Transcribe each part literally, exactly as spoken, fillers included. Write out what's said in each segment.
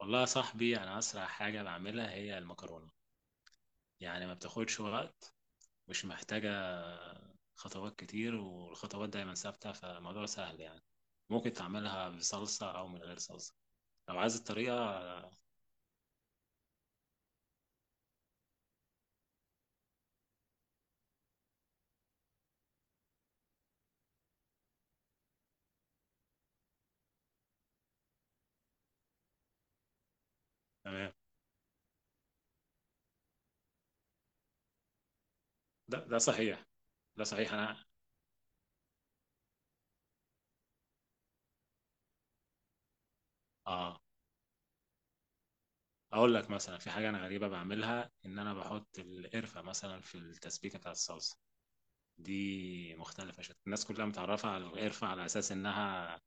والله يا صاحبي انا اسرع حاجه بعملها هي المكرونه. يعني ما بتاخدش وقت. مش محتاجه خطوات كتير، والخطوات دايما ثابته فالموضوع سهل يعني. ممكن تعملها بصلصه او من غير صلصه. لو عايز الطريقه. تمام. ده ده صحيح. ده صحيح. انا، اه، اقول لك مثلا في حاجه انا غريبه بعملها، ان انا بحط القرفه مثلا في التسبيكه بتاعت الصلصه. دي مختلفه شت. الناس كلها متعرفه على القرفه على اساس انها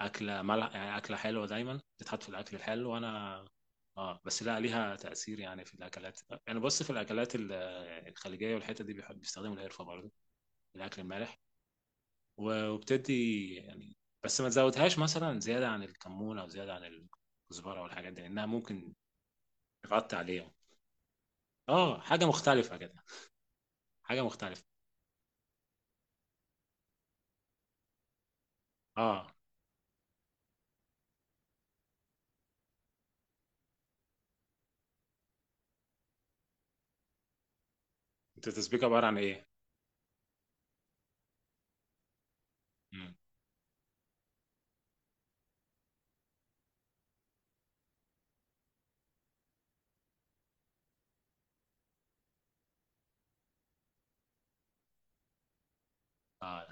اكله ملح، يعني اكله حلوه دايما بتتحط في الاكل الحلو، وانا اه بس لا، ليها تاثير يعني في الاكلات. يعني بص، في الاكلات ال- الخليجيه والحته دي بيحب بيستخدموا القرفه برضه في الاكل المالح. و- وبتدي يعني، بس ما تزودهاش مثلا زياده عن الكمون او زياده عن الكزبره والحاجات دي، لانها ممكن تغطي عليهم. اه، حاجه مختلفه كده. حاجه مختلفه. اه، انت تسبيك عباره عن ايه؟ مم. اه.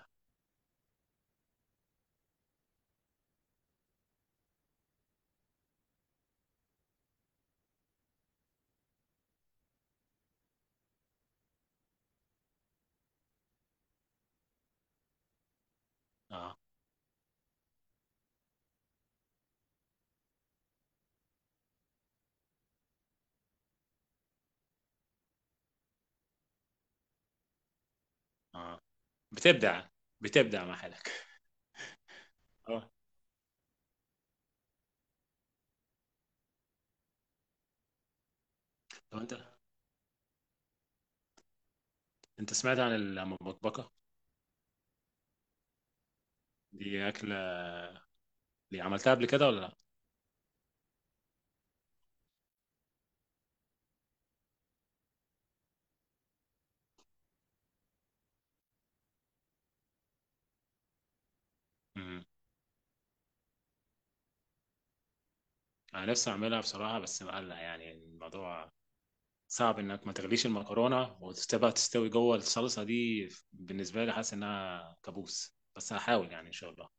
اه. اه. بتبدع. بتبدع مع حالك. اه. طب انت، انت سمعت عن المبكبكه؟ دي اكله اللي عملتها قبل كده ولا لا؟ امم. انا نفسي اعملها بصراحه، بس مقلق يعني الموضوع. صعب انك ما تغليش المكرونه وتسيبها تستوي جوه الصلصه دي. بالنسبه لي حاسس انها كابوس، بس هحاول يعني ان شاء الله.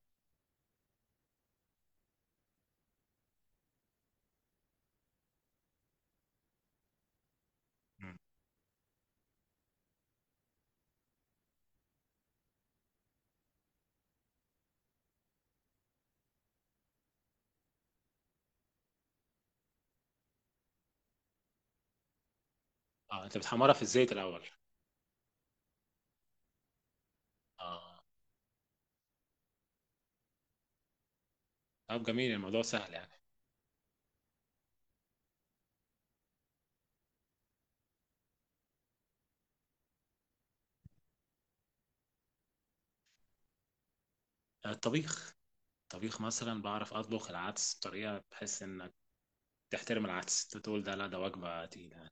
مم. اه، انت بتحمرها في الزيت الاول. اه. طب جميل، الموضوع سهل يعني. الطبيخ. الطبيخ مثلا بعرف اطبخ العدس بطريقه بحس انك تحترم العدس، تقول ده لا ده وجبه تقيله يعني.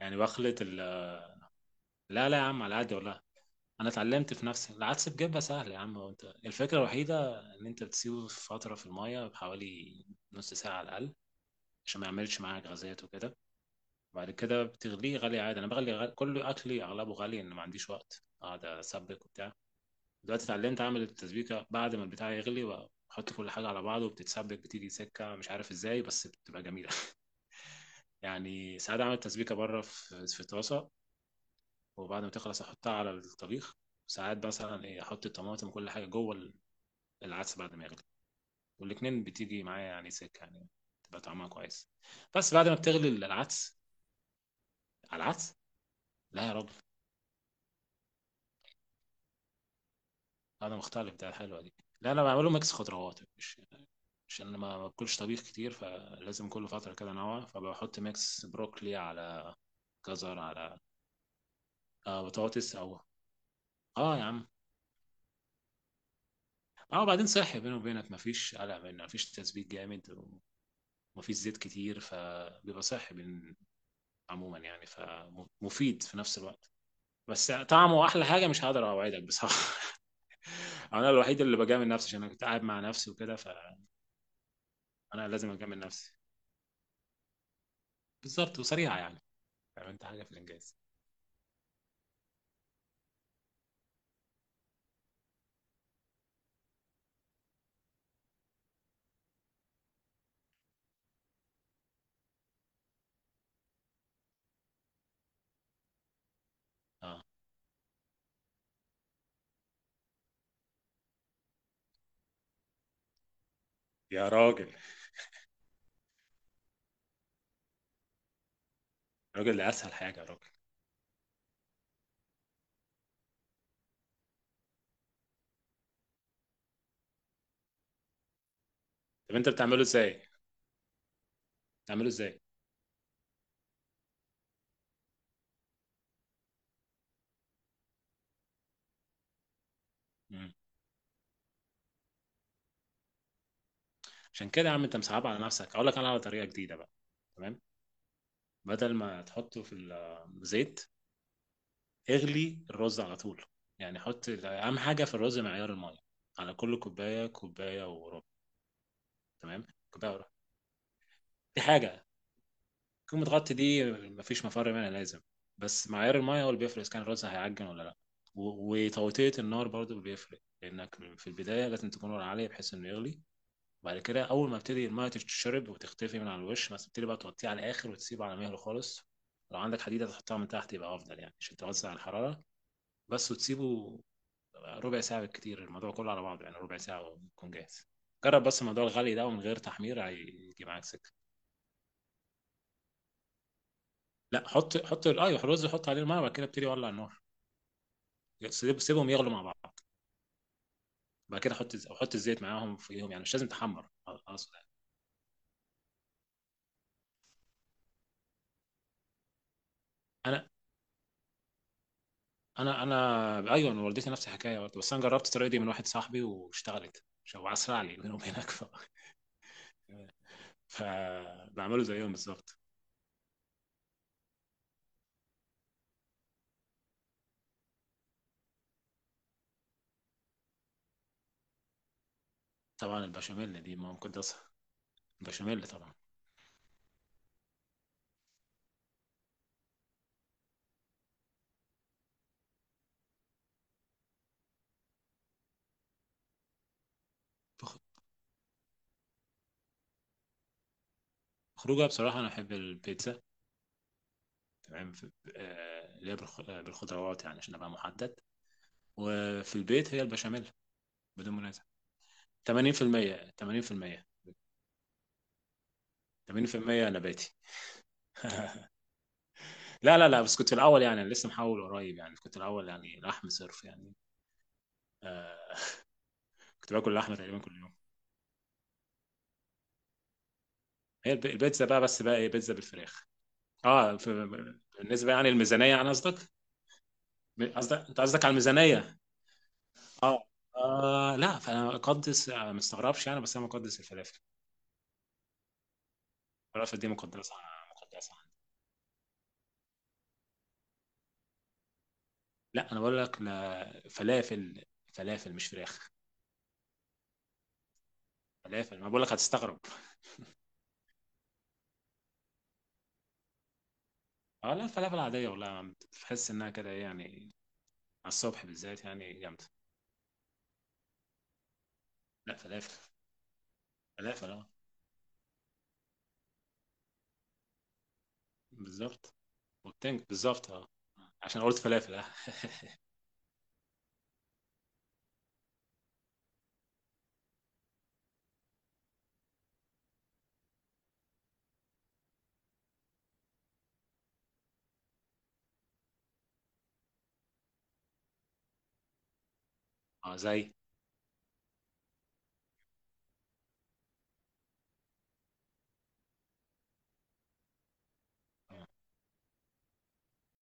يعني بخلط ال... لا لا يا عم، على قد والله. انا اتعلمت في نفسي العدس بجبة سهل يا عم. هو انت الفكره الوحيده ان انت بتسيبه فتره في الميه بحوالي نص ساعه على الاقل، عشان ما يعملش معاك غازات وكده. وبعد كده بتغليه غالي عادي. انا بغلي غالي. كل اكلي اغلبه غالي، ان ما عنديش وقت اقعد اسبك وبتاع. دلوقتي اتعلمت اعمل التسبيكه بعد ما البتاع يغلي، بحط كل حاجه على بعضه وبتتسبك، بتيجي سكه مش عارف ازاي بس بتبقى جميله. يعني ساعات اعمل تسبيكه بره في في طاسه، وبعد ما تخلص احطها على الطبيخ. ساعات مثلا ايه، احط الطماطم وكل حاجه جوه العدس بعد ما يغلي، والاتنين بتيجي معايا يعني سكة يعني، تبقى طعمها كويس. بس بعد ما بتغلي العدس. على العدس؟ لا يا راجل. انا مختلف، ده حلوة دي. لا، انا بعمله ميكس خضروات، مش عشان انا ما باكلش طبيخ كتير، فلازم كل فترة كده انوع. فبحط ميكس بروكلي على جزر على آه بطاطس او. اه يا عم. اه، بعدين صحي بيني وبينك، مفيش قلق منه، مفيش تسبيك جامد ومفيش زيت كتير، فبيبقى صحي بن- عموما يعني، فمفيد في نفس الوقت. بس طعمه احلى حاجه، مش هقدر اوعدك بصراحه. انا الوحيد اللي بجامل نفسي، عشان انا كنت قاعد مع نفسي وكده فانا لازم اجامل نفسي. بالظبط، وسريعه يعني. عملت حاجه في الانجاز. اه يا راجل، الراجل ده اسهل حاجه يا راجل. طب انت بتعمله ازاي؟ بتعمله ازاي؟ مم. عشان كده يا عم انت مصعب على نفسك. اقول لك انا على طريقه جديده بقى. تمام. بدل ما تحطه في الزيت، اغلي الرز على طول. يعني حط اهم حاجه في الرز، معيار الميه. على كل كوبايه كوبايه وربع. تمام، كوبايه وربع. دي حاجه قمة غطي، دي مفيش مفر منها، لازم. بس معيار المية هو اللي بيفرق إذا كان الرز هيعجن ولا لأ. و- وتوطية النار برضو بيفرق، لأنك في البداية لازم تكون نار عالية بحيث إنه يغلي. بعد كده أول ما تبتدي المية تتشرب وتختفي من على الوش، ما تبتدي بقى توطيه على الآخر وتسيبه على مهله خالص. لو عندك حديدة تحطها من تحت يبقى أفضل يعني، عشان توزع الحرارة. بس وتسيبه ربع ساعة بالكتير. الموضوع كله على بعضه يعني ربع ساعة ويكون جاهز. جرب بس موضوع الغلي ده، ومن غير تحمير هيجي معاك سكة. لا، حط حط ايوه، الرز حط عليه الميه، وبعد كده ابتدي ولع النار. سيب- سيبهم يغلوا مع بعض. بعد كده حط حط الزيت معاهم فيهم يعني، مش لازم تحمر اقصد يعني. انا انا انا ايوه، انا والدتي نفس الحكايه برضه، بس انا جربت الطريقه دي من واحد صاحبي واشتغلت شو اسرع لي منهم هناك ف... فبعمله زيهم بالظبط. طبعا البشاميل دي ما مقدسها. البشاميل طبعا. بخ- خروجها بصراحه انا احب البيتزا. تمام في- آه، اللي هي بالخ- آه، بالخضروات يعني عشان ابقى محدد. وفي البيت هي البشاميل. بدون منازع. تمانين بالمية تمانين بالمية تمانين بالمية نباتي. لا لا لا، بس كنت في الاول يعني. أنا لسه محول قريب يعني، كنت الاول يعني لحم صرف يعني. آه. كنت باكل لحمه تقريبا كل يوم. هي الب- البيتزا بقى. بس بقى ايه، بيتزا بالفراخ. اه ف- بالنسبه يعني، الميزانيه يعني قصدك؟ قصدك انت قصدك على الميزانيه. اه. آه لا، فانا اقدس آه، ما استغربش يعني، بس انا مقدس الفلافل. الفلافل دي مقدسه. مقدسه عندي. لا انا بقول لك، لا فلافل. فلافل مش فراخ. فلافل، ما بقول لك هتستغرب. اه لا، الفلافل العادية والله يا عم تحس انها كده ايه يعني، على الصبح بالذات يعني جامدة. لا فلافل. فلافل اه. بالظبط، والتنج بالظبط اه. عشان قلت فلافل اه. اه زي